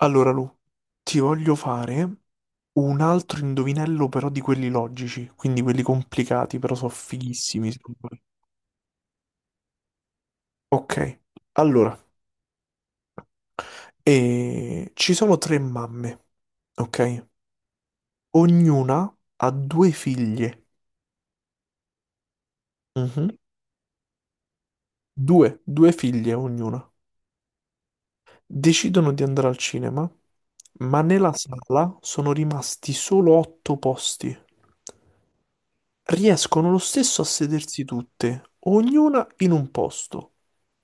Allora, Lu, ti voglio fare un altro indovinello, però di quelli logici, quindi quelli complicati, però sono fighissimi, secondo me. Ok, allora, ci sono tre mamme, ok? Ognuna ha due figlie. Mhm. Due, due figlie ognuna. Decidono di andare al cinema, ma nella sala sono rimasti solo otto posti. Riescono lo stesso a sedersi tutte, ognuna in un posto.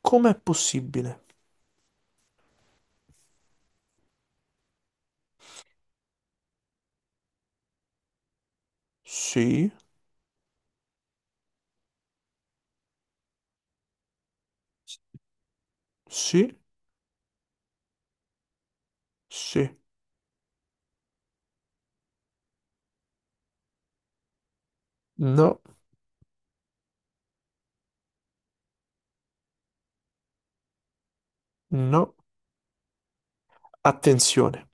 Com'è possibile? Sì, sì, sì. No, no. Attenzione,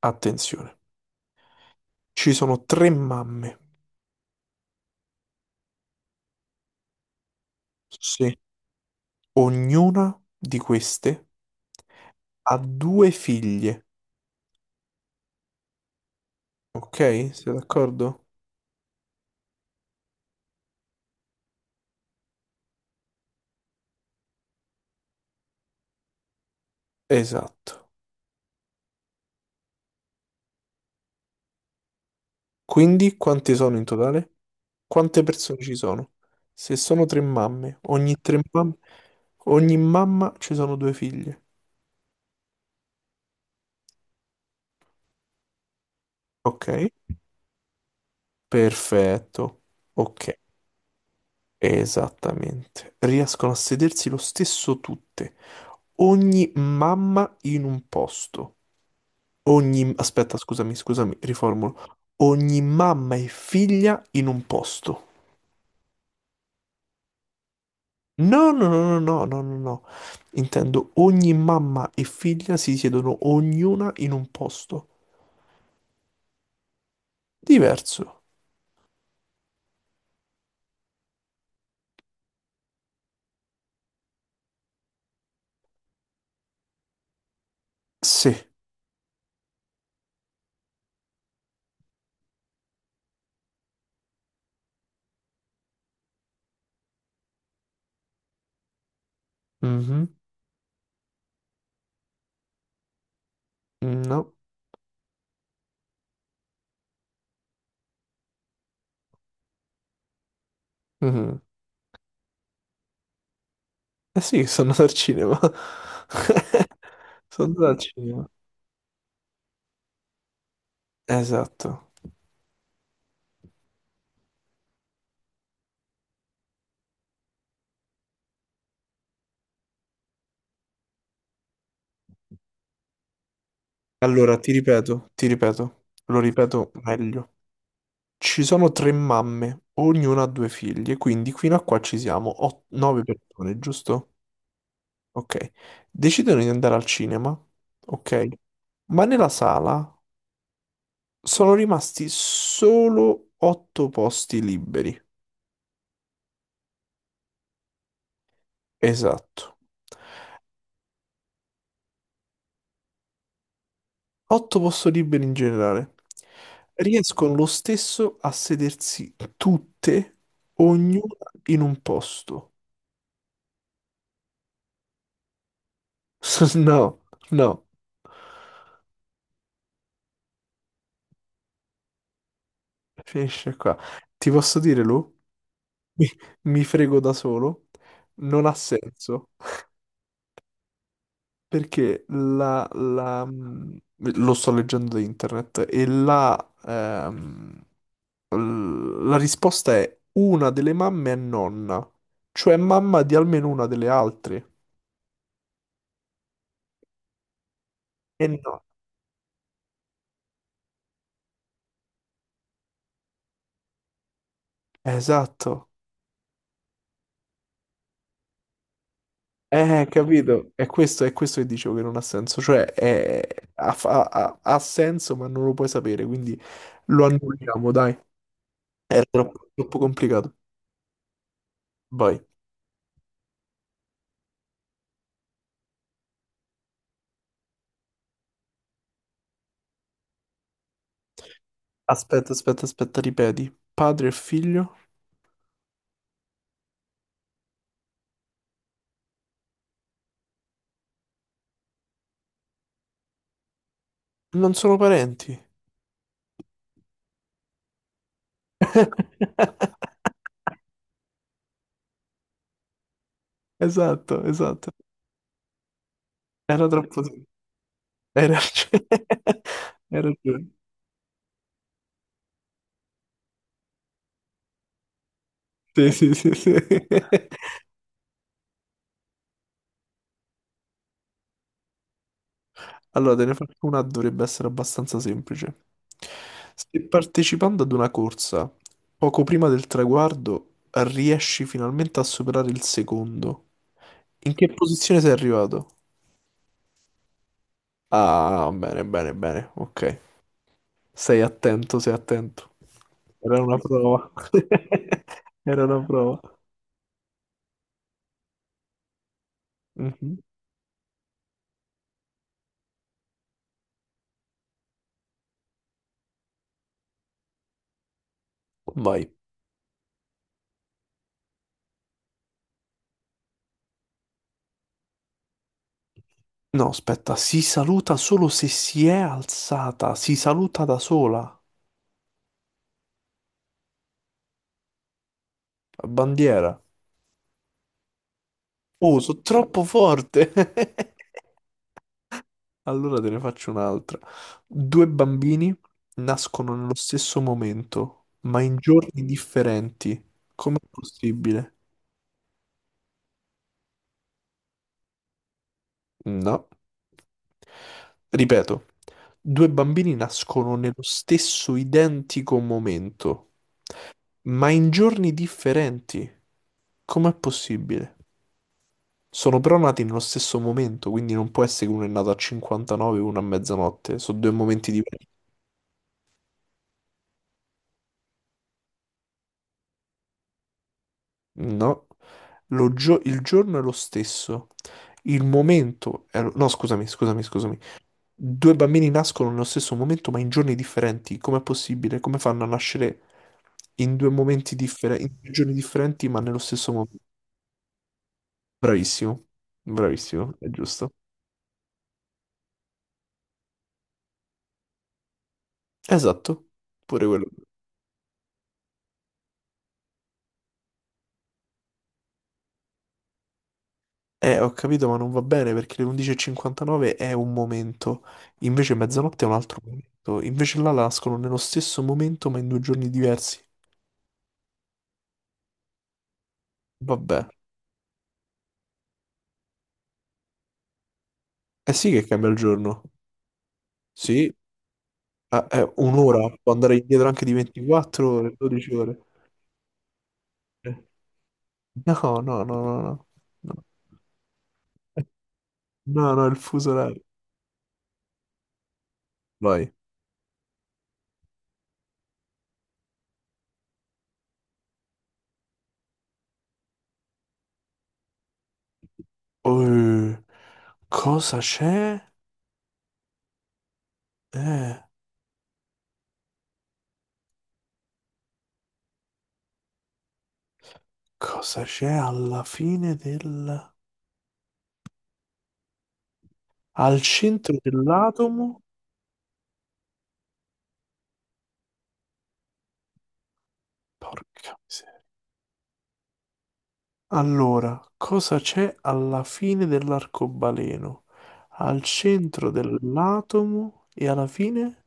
attenzione. Ci sono tre mamme. Sì. Ognuna di queste ha due figlie. Ok? Siete d'accordo? Esatto. Quindi quante sono in totale? Quante persone ci sono? Se sono tre mamme, ogni mamma ci sono due figlie. Ok? Perfetto. Ok. Esattamente. Riescono a sedersi lo stesso tutte. Ogni mamma in un posto. Ogni... Aspetta, scusami, scusami, riformulo. Ogni mamma e figlia in un posto. No, no, no, no, no, no, no, no. Intendo ogni mamma e figlia si siedono ognuna in un posto. Diverso. Sì. Mhm. No. Mhm. Eh sì, sono andato al cinema. Sono andato al cinema. Esatto. Allora, ti ripeto, lo ripeto meglio. Ci sono tre mamme, ognuna ha due figlie, quindi fino a qua ci siamo, nove persone, giusto? Ok. Decidono di andare al cinema, ok? Ma nella sala sono rimasti solo otto posti liberi. Esatto. Otto posti liberi in generale. Riescono lo stesso a sedersi tutte, ognuna in un posto. No. No, finisce qua. Ti posso dire, Lu? Mi, mi frego da solo. Non ha senso. Perché lo sto leggendo da internet e ehm, la risposta è una delle mamme è nonna. Cioè mamma di almeno una delle altre. E no. Esatto. Capito. È questo che dicevo che non ha senso. Cioè è- ha, fa- ha ha senso ma non lo puoi sapere, quindi lo annulliamo, dai. Era troppo, troppo complicato. Vai. Aspetta, aspetta, aspetta, ripeti. Padre e figlio non sono parenti. Esatto, esatto. Era troppo... Hai ragione. Hai ragione. Sì, sì, sì, sì. Allora, te ne faccio una, dovrebbe essere abbastanza semplice. Se partecipando ad una corsa, poco prima del traguardo, riesci finalmente a superare il secondo, in che posizione sei arrivato? Ah, bene, bene, bene, ok. Sei attento, sei attento. Era una prova. Era una prova. Mhm. Vai. No, aspetta, si saluta solo se si è alzata, si saluta da sola, a bandiera. Oh, sono troppo forte. Allora te ne faccio un'altra. Due bambini nascono nello stesso momento, ma in giorni differenti. Com'è possibile? No. Ripeto, due bambini nascono nello stesso identico momento, ma in giorni differenti. Com'è possibile? Sono però nati nello stesso momento, quindi non può essere che uno è nato a 59 e uno a mezzanotte. Sono due momenti diversi. No, il giorno è lo stesso. Il momento è lo- No, scusami, scusami, scusami. Due bambini nascono nello stesso momento, ma in giorni differenti. Com'è possibile? Come fanno a nascere in due momenti differenti, in due giorni differenti, ma nello stesso momento? Bravissimo, bravissimo, è giusto. Esatto, pure quello. Ho capito, ma non va bene perché le 11.59 è un momento, invece mezzanotte è un altro momento, invece là nascono nello stesso momento ma in due giorni diversi. Vabbè, eh sì che cambia il giorno. Sì, ah, è un'ora, può andare indietro anche di 24 ore, 12 ore. Eh, No, no, no, no, no, no, no, no, il fuso orario. Vai. Eh, cosa c'è? Eh, cosa c'è alla fine del... al centro dell'atomo? Porca miseria. Allora, cosa c'è alla fine dell'arcobaleno? Al centro dell'atomo e alla fine?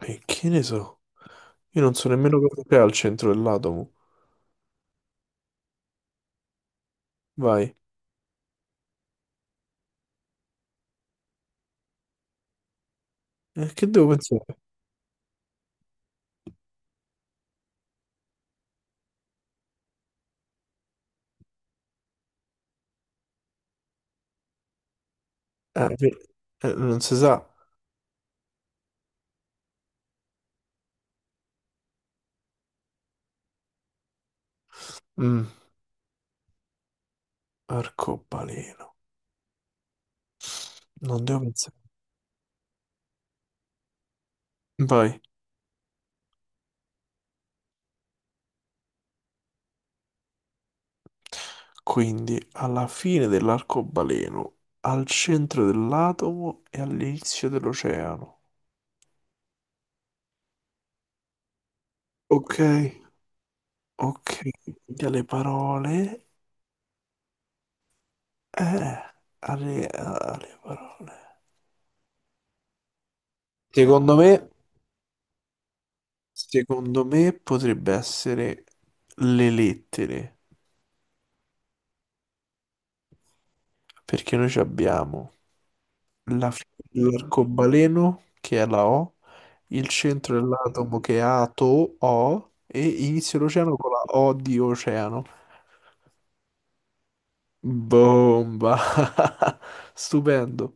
E che ne so? Io non so nemmeno cosa c'è al centro dell'atomo. Vai. Che devo pensare? Eh, ve- non si sa. Mm, arcobaleno. Non devo pensare. Vai. Quindi, alla fine dell'arcobaleno, al centro dell'atomo e all'inizio dell'oceano. Ok, ok. Quindi alle parole. Eh, alle, alle parole. Secondo me, secondo me potrebbe essere le lettere, perché noi ci abbiamo la fine dell'arcobaleno, che è la O, il centro dell'atomo, che è ato, O, e inizio l'oceano con la O di oceano. Bomba! Stupendo.